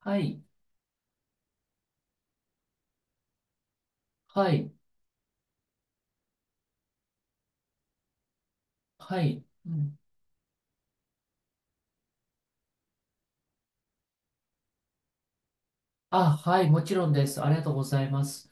はい、はい、はい。うん、あ、はい、もちろんです。ありがとうございます。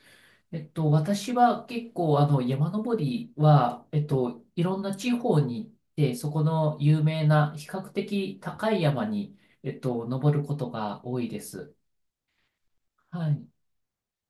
私は結構、山登りは、いろんな地方に行って、そこの有名な、比較的高い山に、登ることが多いです。はい。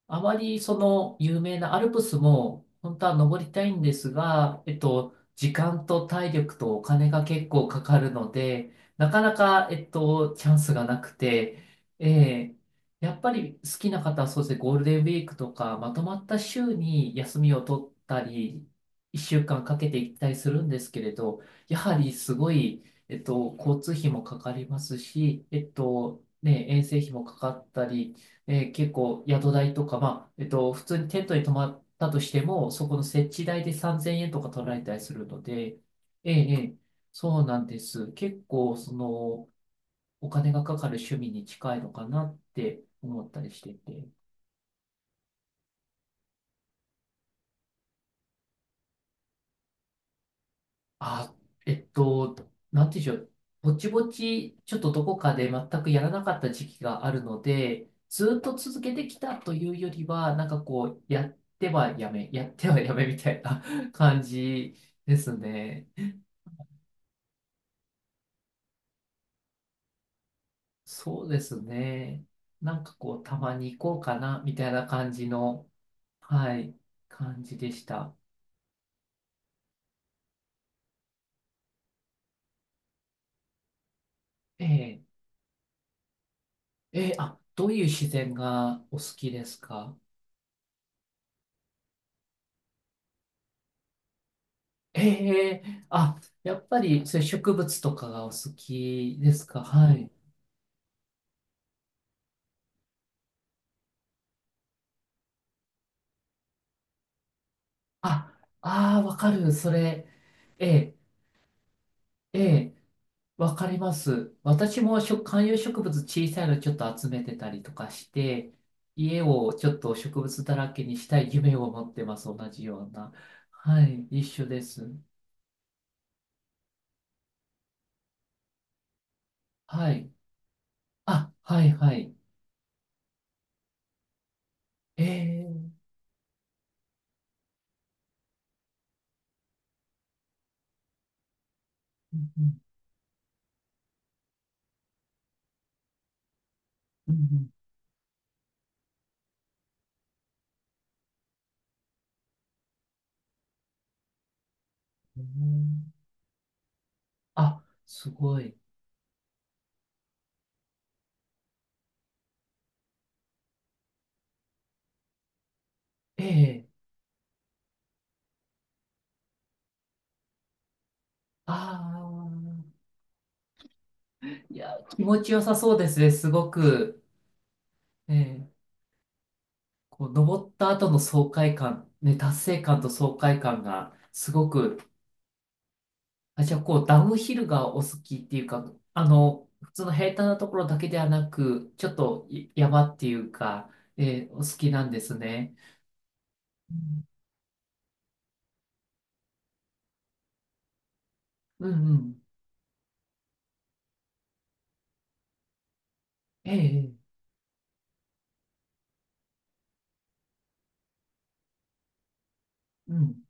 あまりその有名なアルプスも本当は登りたいんですが、時間と体力とお金が結構かかるので、なかなか、チャンスがなくて、ええ、やっぱり好きな方はそうですね、ゴールデンウィークとかまとまった週に休みを取ったり、1週間かんかけて行ったりするんですけれど、やはりすごい、交通費もかかりますし、ね、遠征費もかかったり、結構宿代とか、まあ、普通にテントに泊まったとしても、そこの設置代で3000円とか取られたりするので、ええ、ええ、そうなんです。結構、その、お金がかかる趣味に近いのかなって思ったりしていて。あ、えっと、なんていうんでしょう。ぼちぼち、ちょっとどこかで全くやらなかった時期があるので、ずっと続けてきたというよりは、なんかこう、やってはやめ、やってはやめみたいな 感じですね。そうですね。なんかこう、たまに行こうかな、みたいな感じの、はい、感じでした。ええ、ええ、あ、どういう自然がお好きですか？ええ、あ、やっぱり、そういう植物とかがお好きですか？はい。あ、ああ、わかる。それ、ええ、ええ、わかります。私も観葉植物小さいのちょっと集めてたりとかして、家をちょっと植物だらけにしたい夢を持ってます。同じような。はい、一緒です。はい。あ、はい、はい。ええ、うん、うん、うん、うん、うん、あ、すごい。ええ、ああ。いや、気持ちよさそうですね、すごく。ええ、こう、登った後の爽快感、ね、達成感と爽快感が、すごく、あ、じゃあ、こう、ダウンヒルがお好きっていうか、普通の平坦なところだけではなく、ちょっと山っていうか、ええ、お好きなんですね。うん、うん、うん、ええ、ええ、うん。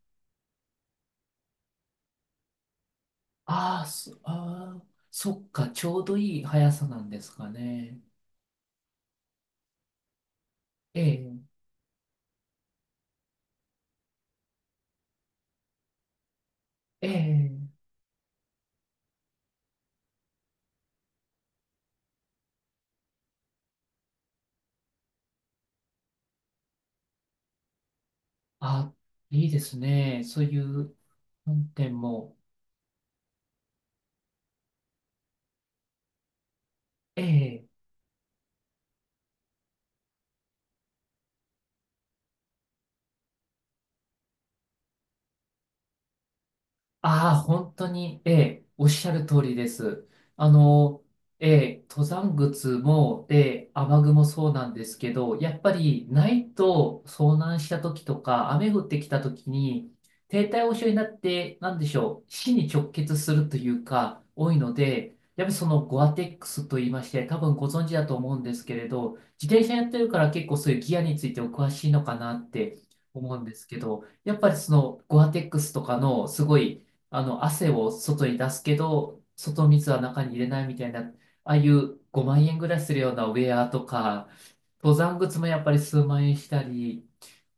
ああ、ああ、そっか、ちょうどいい速さなんですかね。ええ、ええ、あ、いいですね。そういう、本店も、ええ、ああ、本当に、ええ、おっしゃる通りです。あの、ええ、登山靴も、ええ、雨具もそうなんですけど、やっぱりないと遭難した時とか、雨降ってきた時に、低体温症になって、なんでしょう、死に直結するというか、多いので、やっぱりそのゴアテックスと言いまして、多分ご存知だと思うんですけれど、自転車やってるから結構そういうギアについてお詳しいのかなって思うんですけど、やっぱりそのゴアテックスとかのすごい汗を外に出すけど、外水は中に入れないみたいな、ああいう5万円ぐらいするようなウェアとか、登山靴もやっぱり数万円したり、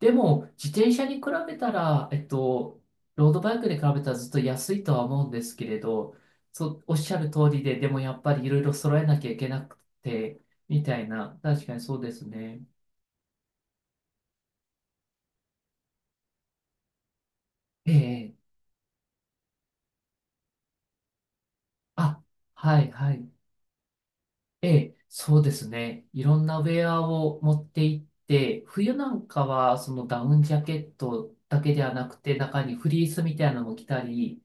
でも、自転車に比べたら、ロードバイクに比べたらずっと安いとは思うんですけれど、そう、おっしゃる通りで、でもやっぱりいろいろ揃えなきゃいけなくて、みたいな、確かにそうですね。ええ、あ、はい、はい。ええ、そうですね。いろんなウェアを持って行って、冬なんかはそのダウンジャケットだけではなくて、中にフリースみたいなのも着たり、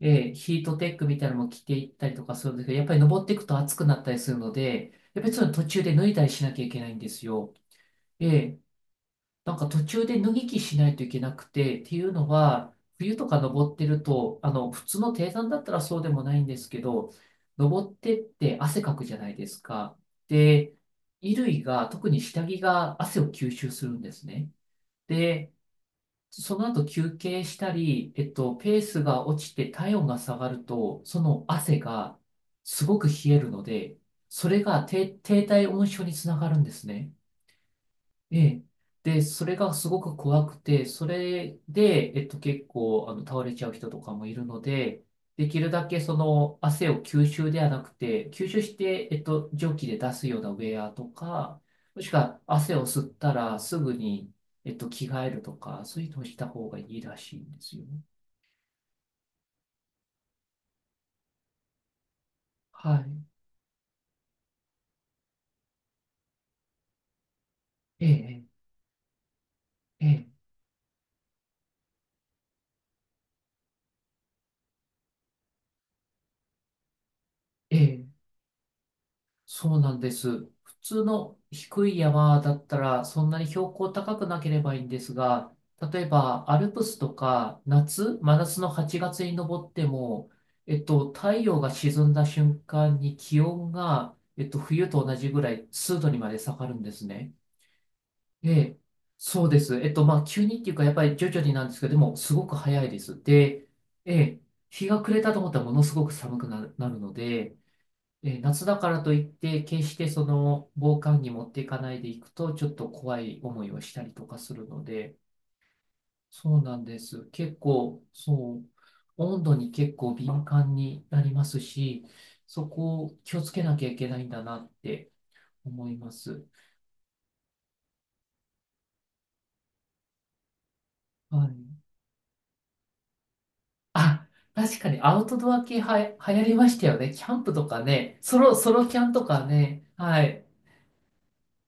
ええ、ヒートテックみたいなのも着ていったりとかするんですけど、やっぱり登っていくと暑くなったりするので、やっぱりその途中で脱いだりしなきゃいけないんですよ。ええ、なんか途中で脱ぎ着しないといけなくて、っていうのは、冬とか登ってると、普通の低山だったらそうでもないんですけど、登ってって汗かくじゃないですか。で、衣類が、特に下着が汗を吸収するんですね。で、その後休憩したり、ペースが落ちて体温が下がると、その汗がすごく冷えるので、それが低体温症につながるんですね。ええ。で、それがすごく怖くて、それで、結構、倒れちゃう人とかもいるので、できるだけその汗を吸収ではなくて、吸収して、蒸気で出すようなウェアとか、もしくは汗を吸ったらすぐに、着替えるとか、そういうのをした方がいいらしいんですよ。はい。ええ、ええ、ええ。ええ、そうなんです。普通の低い山だったらそんなに標高高くなければいいんですが、例えばアルプスとか夏、真夏の8月に登っても、太陽が沈んだ瞬間に気温が、冬と同じぐらい数度にまで下がるんですね。ええ、そうです。まあ、急にっていうか、やっぱり徐々になんですけど、でも、すごく早いです。で、ええ、日が暮れたと思ったらものすごく寒くなるので、夏だからといって、決してその防寒着持っていかないでいくと、ちょっと怖い思いをしたりとかするので、そうなんです。結構、そう、温度に結構敏感になりますし、そこを気をつけなきゃいけないんだなって思います。はい。あ、確かにアウトドア系は流行りましたよね。キャンプとかね、ソロキャンとかね。はい。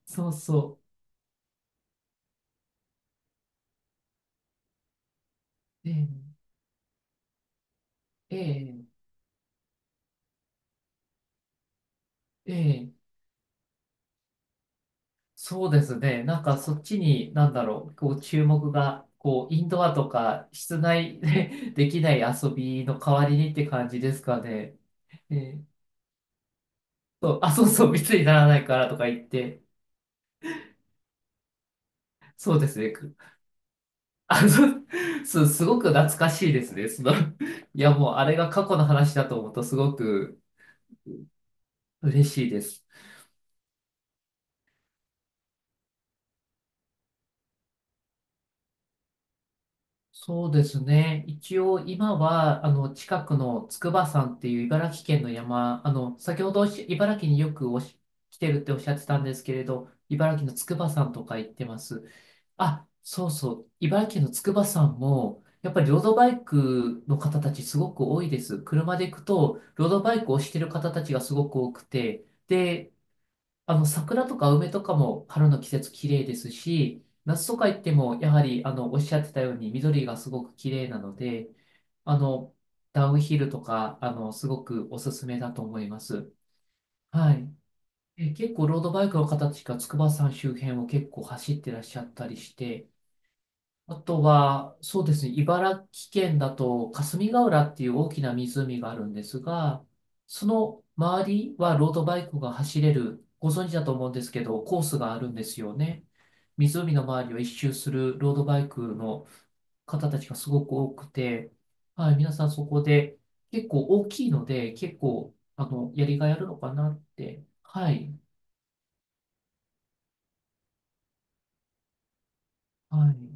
そうそう。ええ、ええ、ええ、そうですね。なんかそっちに、なんだろう、こう注目が、こうインドアとか室内で できない遊びの代わりにって感じですかね。えーそう、あ、そうそう、密にならないからとか言って、そうですね。あ、そう、そう、すごく懐かしいですね。その、いやもうあれが過去の話だと思うとすごく嬉しいです。そうですね。一応今は、近くの筑波山っていう茨城県の山、先ほど茨城によく来てるっておっしゃってたんですけれど、茨城の筑波山とか行ってます。あ、そうそう。茨城の筑波山も、やっぱりロードバイクの方たちすごく多いです。車で行くと、ロードバイクをしてる方たちがすごく多くて、で、桜とか梅とかも春の季節綺麗ですし、夏とか行っても、やはり、おっしゃってたように緑がすごく綺麗なので、あの、ダウンヒルとか、すごくおすすめだと思います。はい。結構ロードバイクの方たちが筑波山周辺を結構走ってらっしゃったりして、あとは、そうですね、茨城県だと霞ヶ浦っていう大きな湖があるんですが、その周りはロードバイクが走れる、ご存知だと思うんですけど、コースがあるんですよね。湖の周りを一周するロードバイクの方たちがすごく多くて、はい、皆さんそこで結構大きいので、結構、やりがいあるのかなって。はい。はい。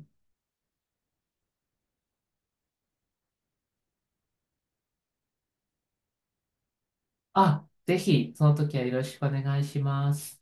あ、ぜひ、その時はよろしくお願いします。